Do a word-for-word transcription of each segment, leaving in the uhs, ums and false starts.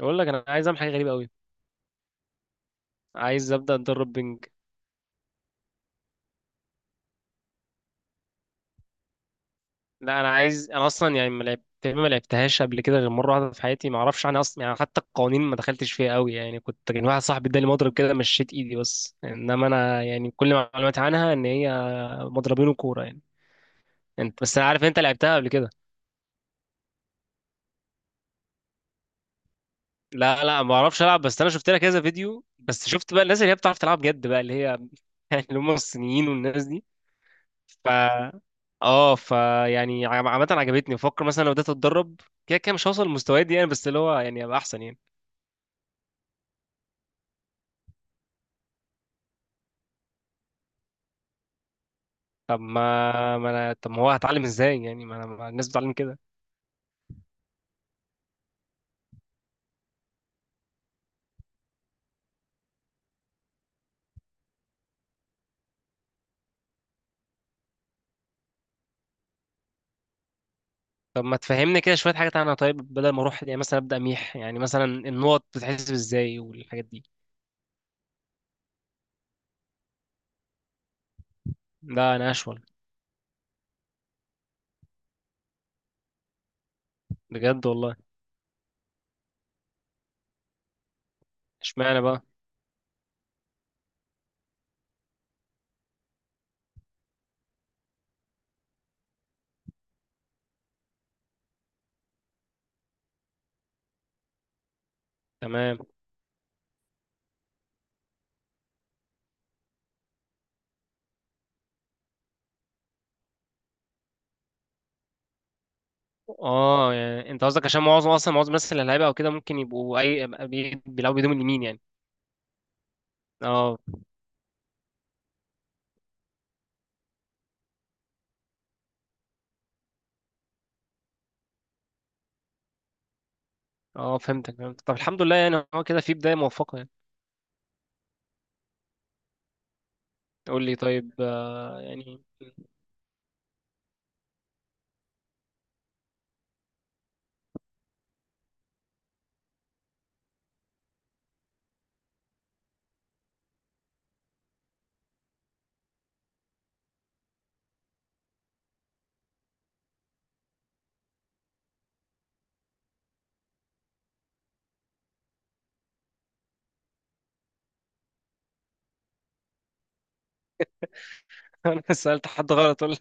اقول لك، انا عايز اعمل حاجه غريبه قوي. عايز ابدا اتدرب بنج. لا، انا عايز انا اصلا يعني ما لعبت ما لعبتهاش قبل كده غير مره واحده في حياتي. ما اعرفش عنها اصلا يعني، حتى القوانين ما دخلتش فيها قوي يعني. كنت كان واحد صاحبي اداني مضرب كده مشيت ايدي بس، انما انا يعني كل معلوماتي عنها ان هي مضربين وكوره يعني. انت بس، انا عارف انت لعبتها قبل كده. لا لا، ما اعرفش العب، بس انا شفت لها كذا فيديو، بس شفت بقى الناس اللي هي بتعرف تلعب جد بقى، اللي هي اللي هم الصينيين والناس. ف اه ف يعني عم- عامة عجبتني، بفكر مثلا لو بدأت اتدرب كده. كده مش هوصل للمستويات دي يعني، بس اللي هو يعني ابقى احسن يعني. طب ما ما انا طب ما هو هتعلم ازاي يعني، ما, أنا... ما الناس بتتعلم كده. طب ما تفهمني كده شوية حاجات عنها طيب، بدل ما اروح يعني مثلا ابدأ ميح، يعني مثلا النقط بتتحسب ازاي والحاجات دي. لا انا اشول. بجد والله. اشمعنى بقى؟ تمام. اه يعني انت قصدك عشان معظم اصلا، معظم الناس اللي هيلعبها او كده ممكن يبقوا اي بي- بيلعبوا بيدوم اليمين يعني. اه اه، فهمتك فهمتك. طب الحمد لله يعني، هو كده في بداية موفقة يعني. قول لي طيب آه يعني. انا سألت حد غلط ولا؟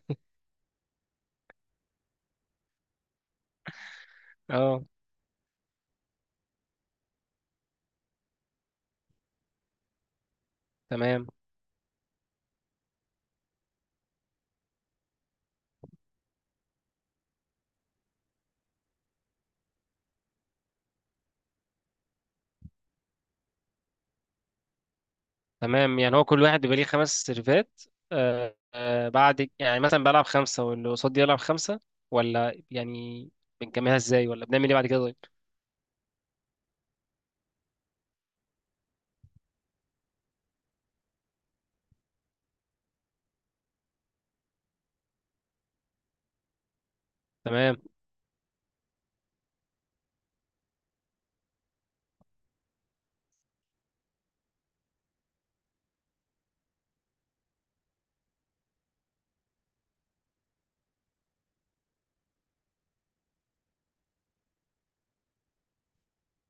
اه تمام. تمام يعني هو كل واحد بيبقى ليه خمس سيرفات؟ آه آه، بعد يعني مثلا بلعب خمسة واللي قصادي يلعب خمسة، ولا يعني بنكملها ازاي، ولا بنعمل ايه بعد كده طيب؟ تمام.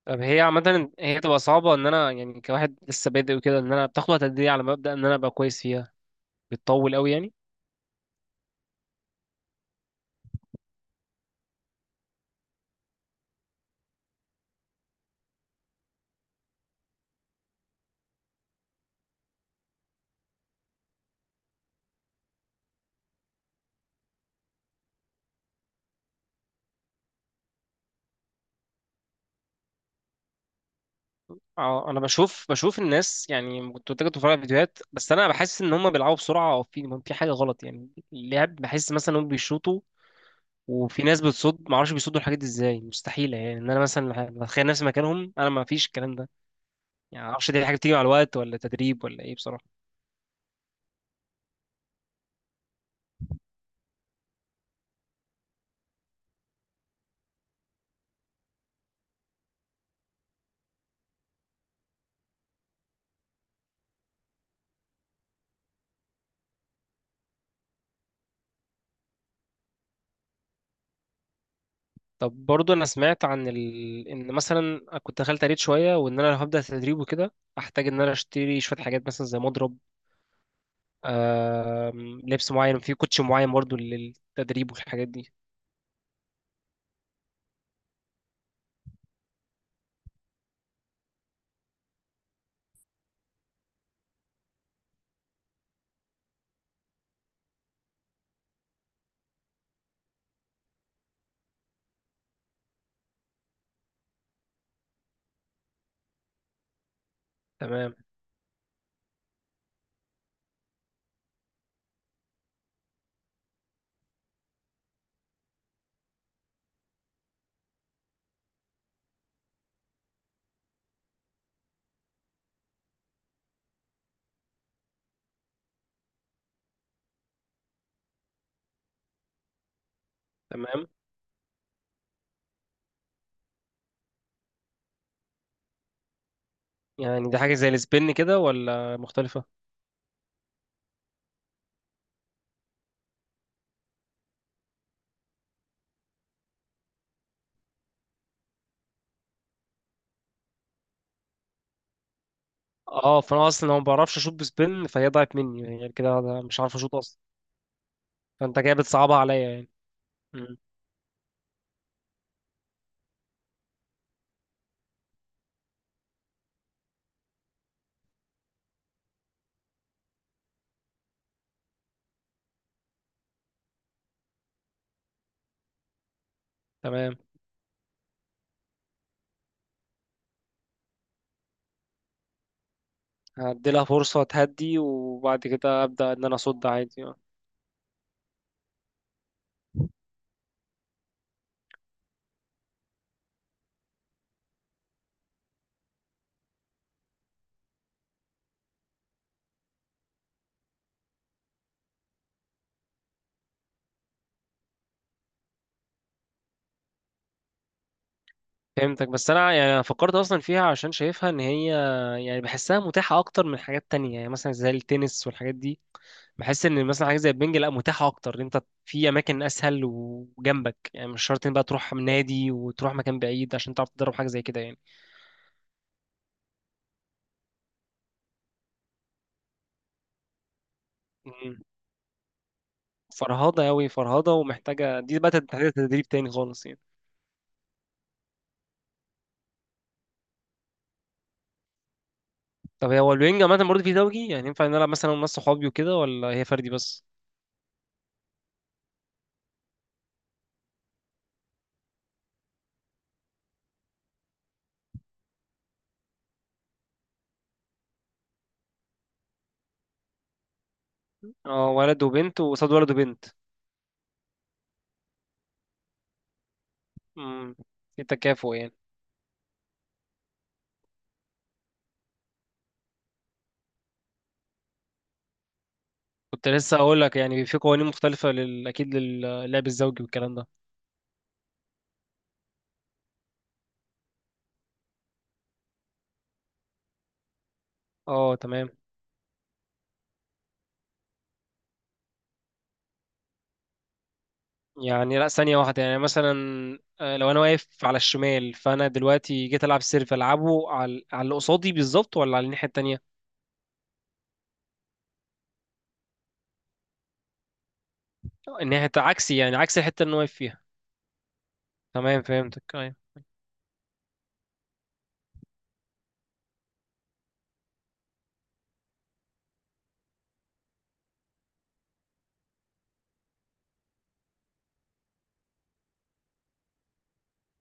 طب هي عامة هي تبقى صعبة ان انا يعني كواحد لسه بادئ وكده، ان انا بتاخد وقت قد ايه على ما ابدأ ان انا ابقى كويس فيها؟ بتطول قوي يعني؟ اه انا بشوف بشوف الناس يعني، كنت بتفرج بتفرج على فيديوهات، بس انا بحس ان هم بيلعبوا بسرعه او في في حاجه غلط يعني، اللعب بحس مثلا هم بيشوطوا، وفي ناس بتصد ما اعرفش بيصدوا الحاجات دي ازاي، مستحيله يعني ان انا مثلا بتخيل نفسي مكانهم، انا ما فيش الكلام ده يعني. ما اعرفش دي حاجه بتيجي مع الوقت ولا تدريب ولا ايه بصراحه؟ طب برضو انا سمعت عن ال... ان مثلا كنت دخلت قريت شويه، وان انا لو هبدا تدريب وكده احتاج ان انا اشتري شويه حاجات مثلا زي مضرب. آم... لبس معين، في كوتش معين برضو للتدريب والحاجات دي. تمام. تمام يعني دي حاجة زي السبن كده ولا مختلفة؟ اه فانا اصلا ما بعرفش اشوط بسبن، فهي ضاعت مني يعني، غير كده أنا مش عارف اشوط اصلا. فانت كده بتصعبها عليا يعني. مم. تمام. هدي لها فرصة تهدي وبعد كده ابدا ان انا اصد عادي اه. فهمتك، بس انا يعني، أنا فكرت اصلا فيها عشان شايفها ان هي يعني بحسها متاحة اكتر من حاجات تانية يعني، مثلا زي التنس والحاجات دي. بحس ان مثلا حاجه زي البنج، لا متاحه اكتر، انت في اماكن اسهل وجنبك يعني، مش شرط ان بقى تروح من نادي وتروح مكان بعيد عشان تعرف تدرب حاجه زي كده يعني. مم. فرهضه قوي فرهضه، ومحتاجه، دي بقى محتاجه تدريب تاني خالص يعني. طب هو البنج عامه برضه في زوجي يعني، ينفع نلعب مثلا ناس صحابي وكده، ولا هي فردي بس؟ اه، ولد وبنت وقصاد ولد وبنت. امم. في تكافؤ يعني. كنت لسه اقول لك يعني في قوانين مختلفه لل... اكيد للعب الزوجي والكلام ده. اه تمام. يعني لا ثانية واحدة، يعني مثلا آه، لو أنا واقف على الشمال فأنا دلوقتي جيت ألعب سيرف ألعبه على على اللي قصادي بالظبط، ولا على الناحية التانية؟ الناحية عكسي يعني، عكس الحتة اللي أنا واقف فيها. تمام فهمتك أيوة.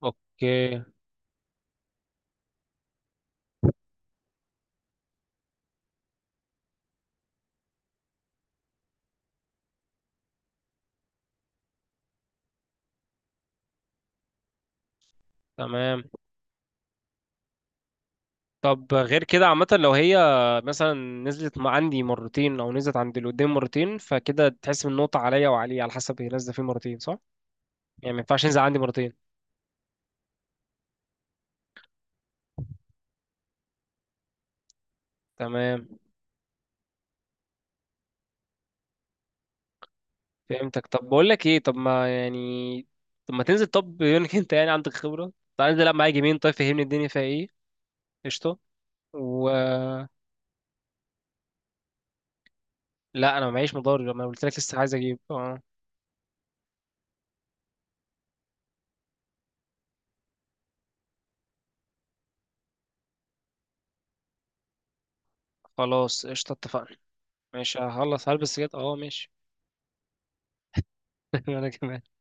أوكي. تمام. طب غير كده عامة، لو هي مثلا نزلت مع عندي مرتين أو نزلت عند اللي قدام مرتين، فكده تحسب النقطة عليا وعليه على حسب هي نازلة فيه مرتين صح؟ يعني ما ينفعش ينزل عندي مرتين. تمام فهمتك. طب بقول لك ايه، طب ما يعني طب ما تنزل، طب بما انك انت يعني عندك خبره، تعال انزل العب معايا جيمين، طيب فهمني الدنيا فيها ايه. قشطه. و لا انا ما معيش مضارب، انا قلت لك لسه عايز اجيب اه. خلاص قشطه، اتفقنا. ماشي هخلص هلبس كده اه ماشي. انا كمان.